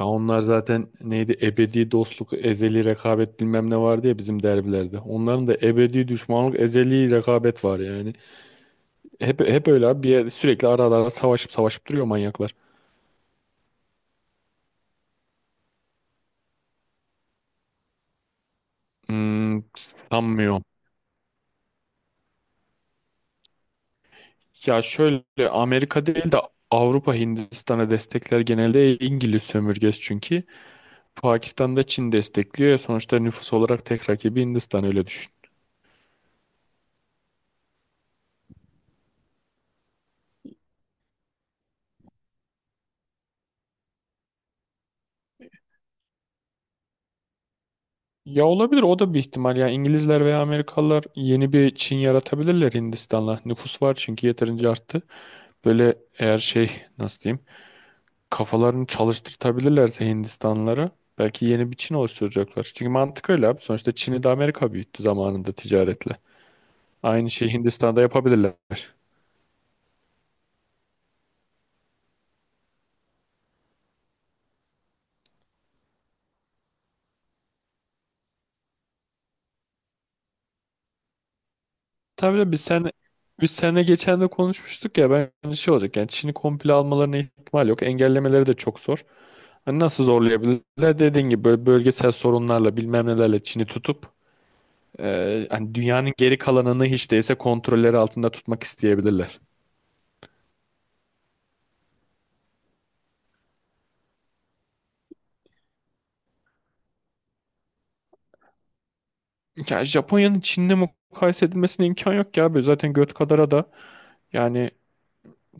Ya onlar zaten neydi? Ebedi dostluk, ezeli rekabet bilmem ne vardı ya bizim derbilerde. Onların da ebedi düşmanlık, ezeli rekabet var yani. Hep hep öyle abi bir yer, sürekli ara ara savaşıp savaşıp duruyor manyaklar. Hmm, sanmıyorum. Ya şöyle Amerika değil de Avrupa Hindistan'a destekler genelde İngiliz sömürgesi çünkü. Pakistan'da Çin destekliyor ya sonuçta nüfus olarak tek rakibi Hindistan öyle. Ya olabilir o da bir ihtimal. Yani İngilizler veya Amerikalılar yeni bir Çin yaratabilirler Hindistan'la. Nüfus var çünkü yeterince arttı. Böyle eğer şey, nasıl diyeyim, kafalarını çalıştırtabilirlerse Hindistanlılara belki yeni bir Çin oluşturacaklar. Çünkü mantık öyle abi. Sonuçta Çin'i de Amerika büyüttü zamanında ticaretle. Aynı şeyi Hindistan'da yapabilirler. Tabii de biz seninle geçen de konuşmuştuk ya, bence şey olacak yani Çin'i komple almalarına ihtimal yok. Engellemeleri de çok zor. Hani nasıl zorlayabilirler? Dediğin gibi böyle bölgesel sorunlarla bilmem nelerle Çin'i tutup hani dünyanın geri kalanını hiç değilse kontrolleri altında tutmak isteyebilirler. Ya Japonya'nın Çin'le mukayese edilmesine imkan yok ya abi. Zaten göt kadara da yani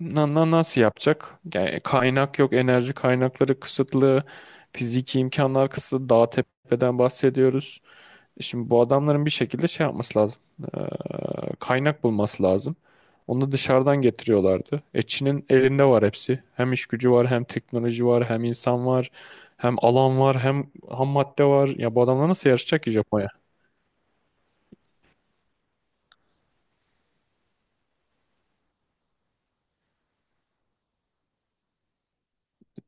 nasıl yapacak? Yani kaynak yok, enerji kaynakları kısıtlı, fiziki imkanlar kısıtlı, dağ tepeden bahsediyoruz. Şimdi bu adamların bir şekilde şey yapması lazım. Ee, kaynak bulması lazım. Onu dışarıdan getiriyorlardı. E, Çin'in elinde var hepsi. Hem iş gücü var, hem teknoloji var, hem insan var, hem alan var, hem ham madde var. Ya bu adamlar nasıl yarışacak ki Japonya?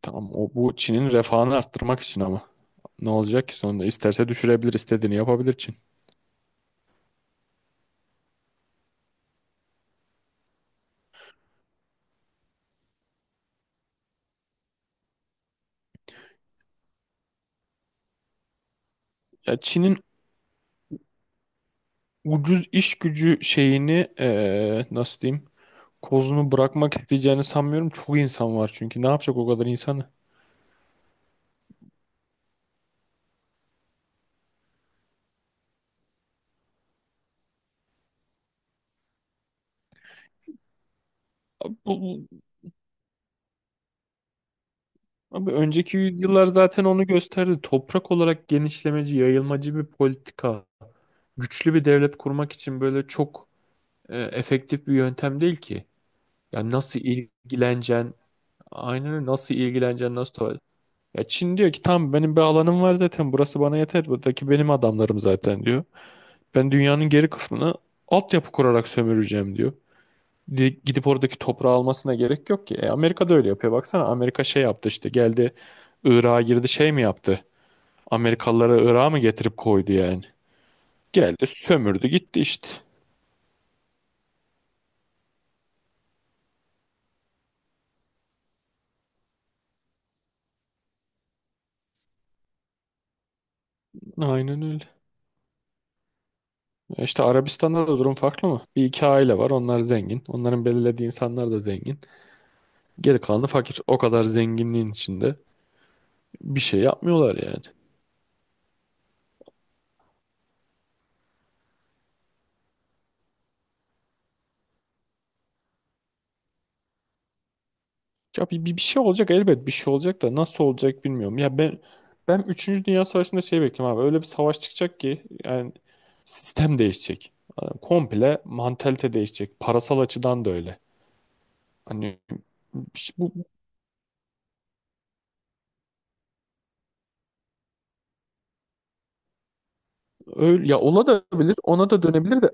Tamam o bu Çin'in refahını arttırmak için ama. Ne olacak ki sonunda? İsterse düşürebilir, istediğini yapabilir Çin. Ya Çin'in ucuz iş gücü şeyini nasıl diyeyim? Kozunu bırakmak isteyeceğini sanmıyorum. Çok insan var çünkü. Ne yapacak o kadar insanı? Abi, bu, abi önceki yüzyıllar zaten onu gösterdi. Toprak olarak genişlemeci, yayılmacı bir politika. Güçlü bir devlet kurmak için böyle çok efektif bir yöntem değil ki. Yani nasıl ilgileneceksin? Aynen öyle. Nasıl ilgileneceksin? Nasıl tuvalet? Ya Çin diyor ki tamam benim bir alanım var zaten. Burası bana yeter. Buradaki benim adamlarım zaten diyor. Ben dünyanın geri kısmını altyapı kurarak sömüreceğim diyor. Gidip oradaki toprağı almasına gerek yok ki. E, Amerika da öyle yapıyor. Baksana Amerika şey yaptı işte, geldi Irak'a girdi, şey mi yaptı? Amerikalılara Irak'ı mı getirip koydu yani? Geldi, sömürdü, gitti işte. Aynen öyle. E, İşte Arabistan'da da durum farklı mı? Bir iki aile var, onlar zengin. Onların belirlediği insanlar da zengin. Geri kalanı fakir. O kadar zenginliğin içinde bir şey yapmıyorlar yani. Ya bir şey olacak elbet, bir şey olacak da nasıl olacak bilmiyorum. Ya ben üçüncü Dünya Savaşı'nda şey bekliyorum abi. Öyle bir savaş çıkacak ki yani sistem değişecek. Yani komple mantalite değişecek. Parasal açıdan da öyle. Hani bu öyle ya, ona da bilir, ona da dönebilir de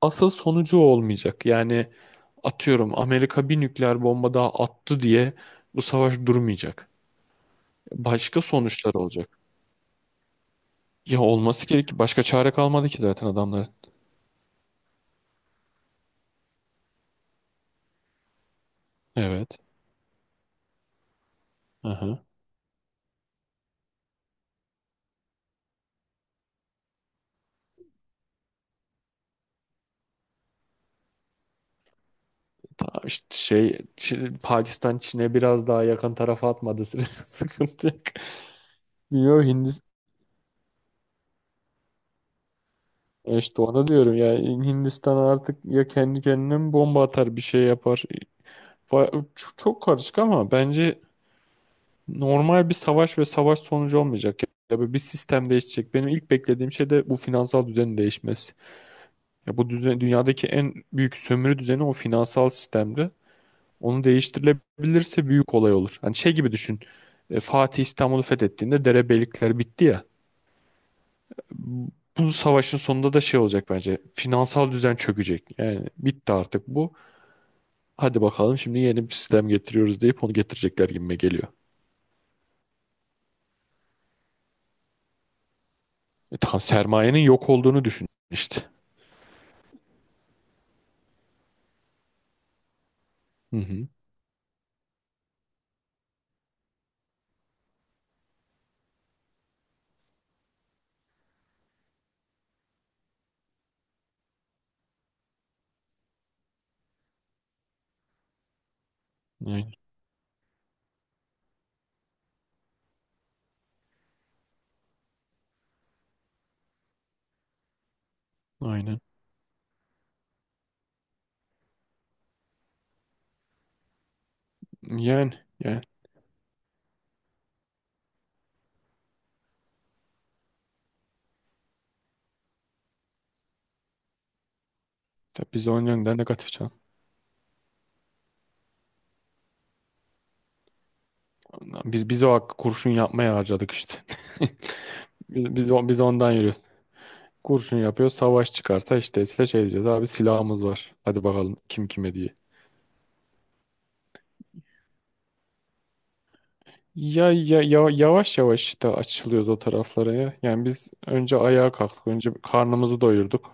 asıl sonucu o olmayacak. Yani atıyorum Amerika bir nükleer bomba daha attı diye bu savaş durmayacak. Başka sonuçlar olacak. Ya olması gerek. Başka çare kalmadı ki zaten adamların. Evet. Aha. Ta- işte şey, Pakistan Çin'e biraz daha yakın tarafa atmadı sürece sıkıntı yok. Bilmiyorum Hindistan, işte ona diyorum ya, Hindistan artık ya kendi kendine mi bomba atar, bir şey yapar. Çok karışık ama bence normal bir savaş ve savaş sonucu olmayacak. Ya böyle bir sistem değişecek. Benim ilk beklediğim şey de bu finansal düzenin değişmesi. Ya bu düzen, dünyadaki en büyük sömürü düzeni o finansal sistemdi. Onu değiştirilebilirse büyük olay olur. Hani şey gibi düşün. E, Fatih İstanbul'u fethettiğinde derebeylikler bitti ya. Bu savaşın sonunda da şey olacak bence. Finansal düzen çökecek. Yani bitti artık bu. Hadi bakalım şimdi yeni bir sistem getiriyoruz deyip onu getirecekler gibime geliyor. E, tam sermayenin yok olduğunu düşün işte. Hı hı. Aynen. Aynen. Yani, yani. Tabii, biz onun yönden negatif canım. Biz o hakkı kurşun yapmaya harcadık işte. Biz ondan yürüyoruz. Kurşun yapıyor. Savaş çıkarsa işte size şey diyeceğiz. Abi silahımız var. Hadi bakalım kim kime diye. Ya, yavaş yavaş işte açılıyoruz o taraflara ya. Yani biz önce ayağa kalktık. Önce bir karnımızı doyurduk.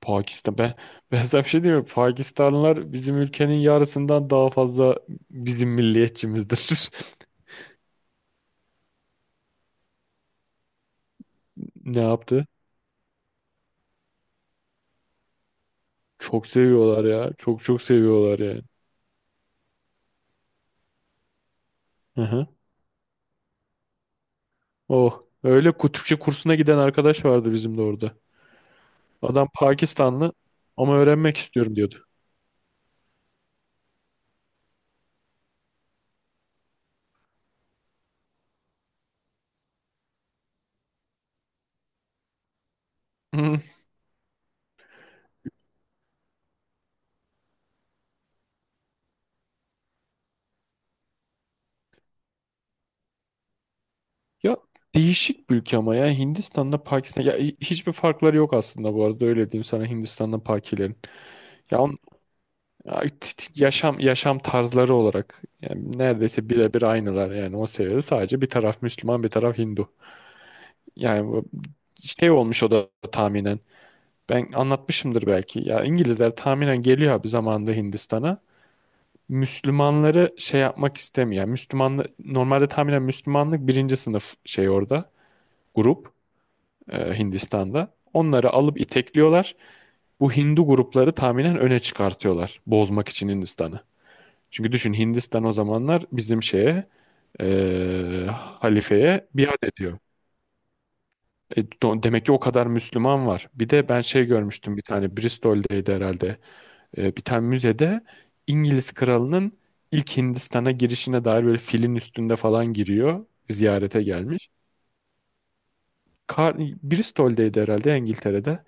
Pakistan. Ben, ben sana bir şey diyeyim mi? Pakistanlılar bizim ülkenin yarısından daha fazla bizim milliyetçimizdir. Ne yaptı? Çok seviyorlar ya. Çok çok seviyorlar yani. Hı hı. Oh. Öyle Türkçe kursuna giden arkadaş vardı bizim de orada. Adam Pakistanlı ama öğrenmek istiyorum diyordu. Hı. Ya değişik bir ülke ama ya Hindistan'da Pakistan ya hiçbir farkları yok aslında, bu arada öyle diyeyim sana, Hindistan'da Pakilerin. Ya, on, ya t- t- yaşam yaşam tarzları olarak yani neredeyse birebir aynılar yani, o seviyede sadece bir taraf Müslüman, bir taraf Hindu. Yani bu şey olmuş o da tahminen. Ben anlatmışımdır belki. Ya İngilizler tahminen geliyor abi zamanında Hindistan'a. Müslümanları şey yapmak istemiyor. Yani Müslümanlı normalde tahminen Müslümanlık birinci sınıf şey orada, grup Hindistan'da. Onları alıp itekliyorlar. Bu Hindu grupları tahminen öne çıkartıyorlar bozmak için Hindistan'ı. Çünkü düşün, Hindistan o zamanlar bizim şeye, halifeye biat ediyor. E, demek ki o kadar Müslüman var. Bir de ben şey görmüştüm, bir tane Bristol'deydi herhalde. Bir tane müzede İngiliz kralının ilk Hindistan'a girişine dair, böyle filin üstünde falan giriyor. Ziyarete gelmiş. Bristol'deydi herhalde İngiltere'de.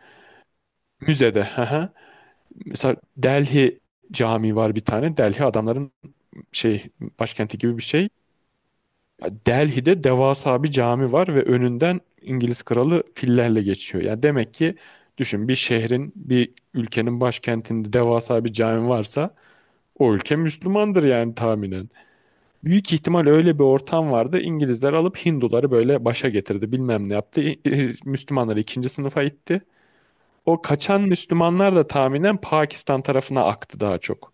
Müzede. Hı hı. Mesela Delhi Camii var bir tane. Delhi adamların şey, başkenti gibi bir şey. Delhi'de devasa bir cami var ve önünden İngiliz kralı fillerle geçiyor. Yani demek ki düşün, bir şehrin, bir ülkenin başkentinde devasa bir cami varsa o ülke Müslümandır yani tahminen. Büyük ihtimal öyle bir ortam vardı. İngilizler alıp Hinduları böyle başa getirdi. Bilmem ne yaptı. Müslümanları ikinci sınıfa itti. O kaçan Müslümanlar da tahminen Pakistan tarafına aktı daha çok.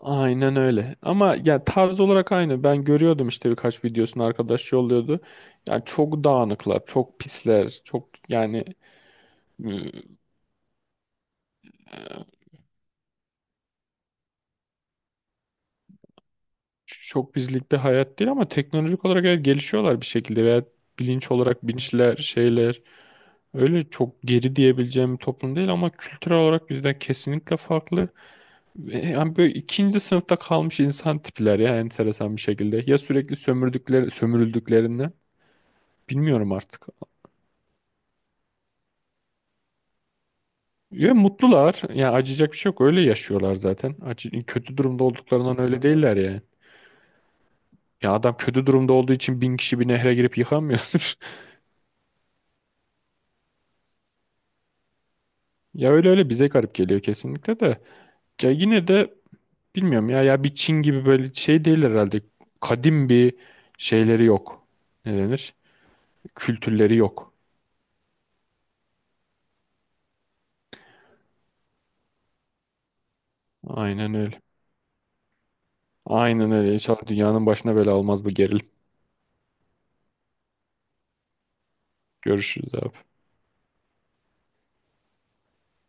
Aynen öyle. Ama ya tarz olarak aynı. Ben görüyordum işte, birkaç videosunu arkadaş yolluyordu. Yani çok dağınıklar, çok pisler, çok yani e, çok bizlik bir hayat değil, ama teknolojik olarak evet, gelişiyorlar bir şekilde veya bilinç olarak bilinçler, şeyler. Öyle çok geri diyebileceğim bir toplum değil ama kültürel olarak bizden kesinlikle farklı. Ve yani böyle ikinci sınıfta kalmış insan tipler ya, enteresan bir şekilde. Ya sürekli sömürdükleri, sömürüldüklerinden bilmiyorum artık. Ya mutlular. Ya acıyacak bir şey yok. Öyle yaşıyorlar zaten. Acı, kötü durumda olduklarından öyle değiller yani. Ya adam kötü durumda olduğu için 1.000 kişi bir nehre girip yıkanmıyordur. Ya öyle öyle bize garip geliyor kesinlikle de. Ya yine de bilmiyorum ya bir Çin gibi böyle şey değil herhalde. Kadim bir şeyleri yok. Ne denir? Kültürleri yok. Aynen öyle. Aynen öyle. İnşallah dünyanın başına bela olmaz bu gerilim. Görüşürüz abi.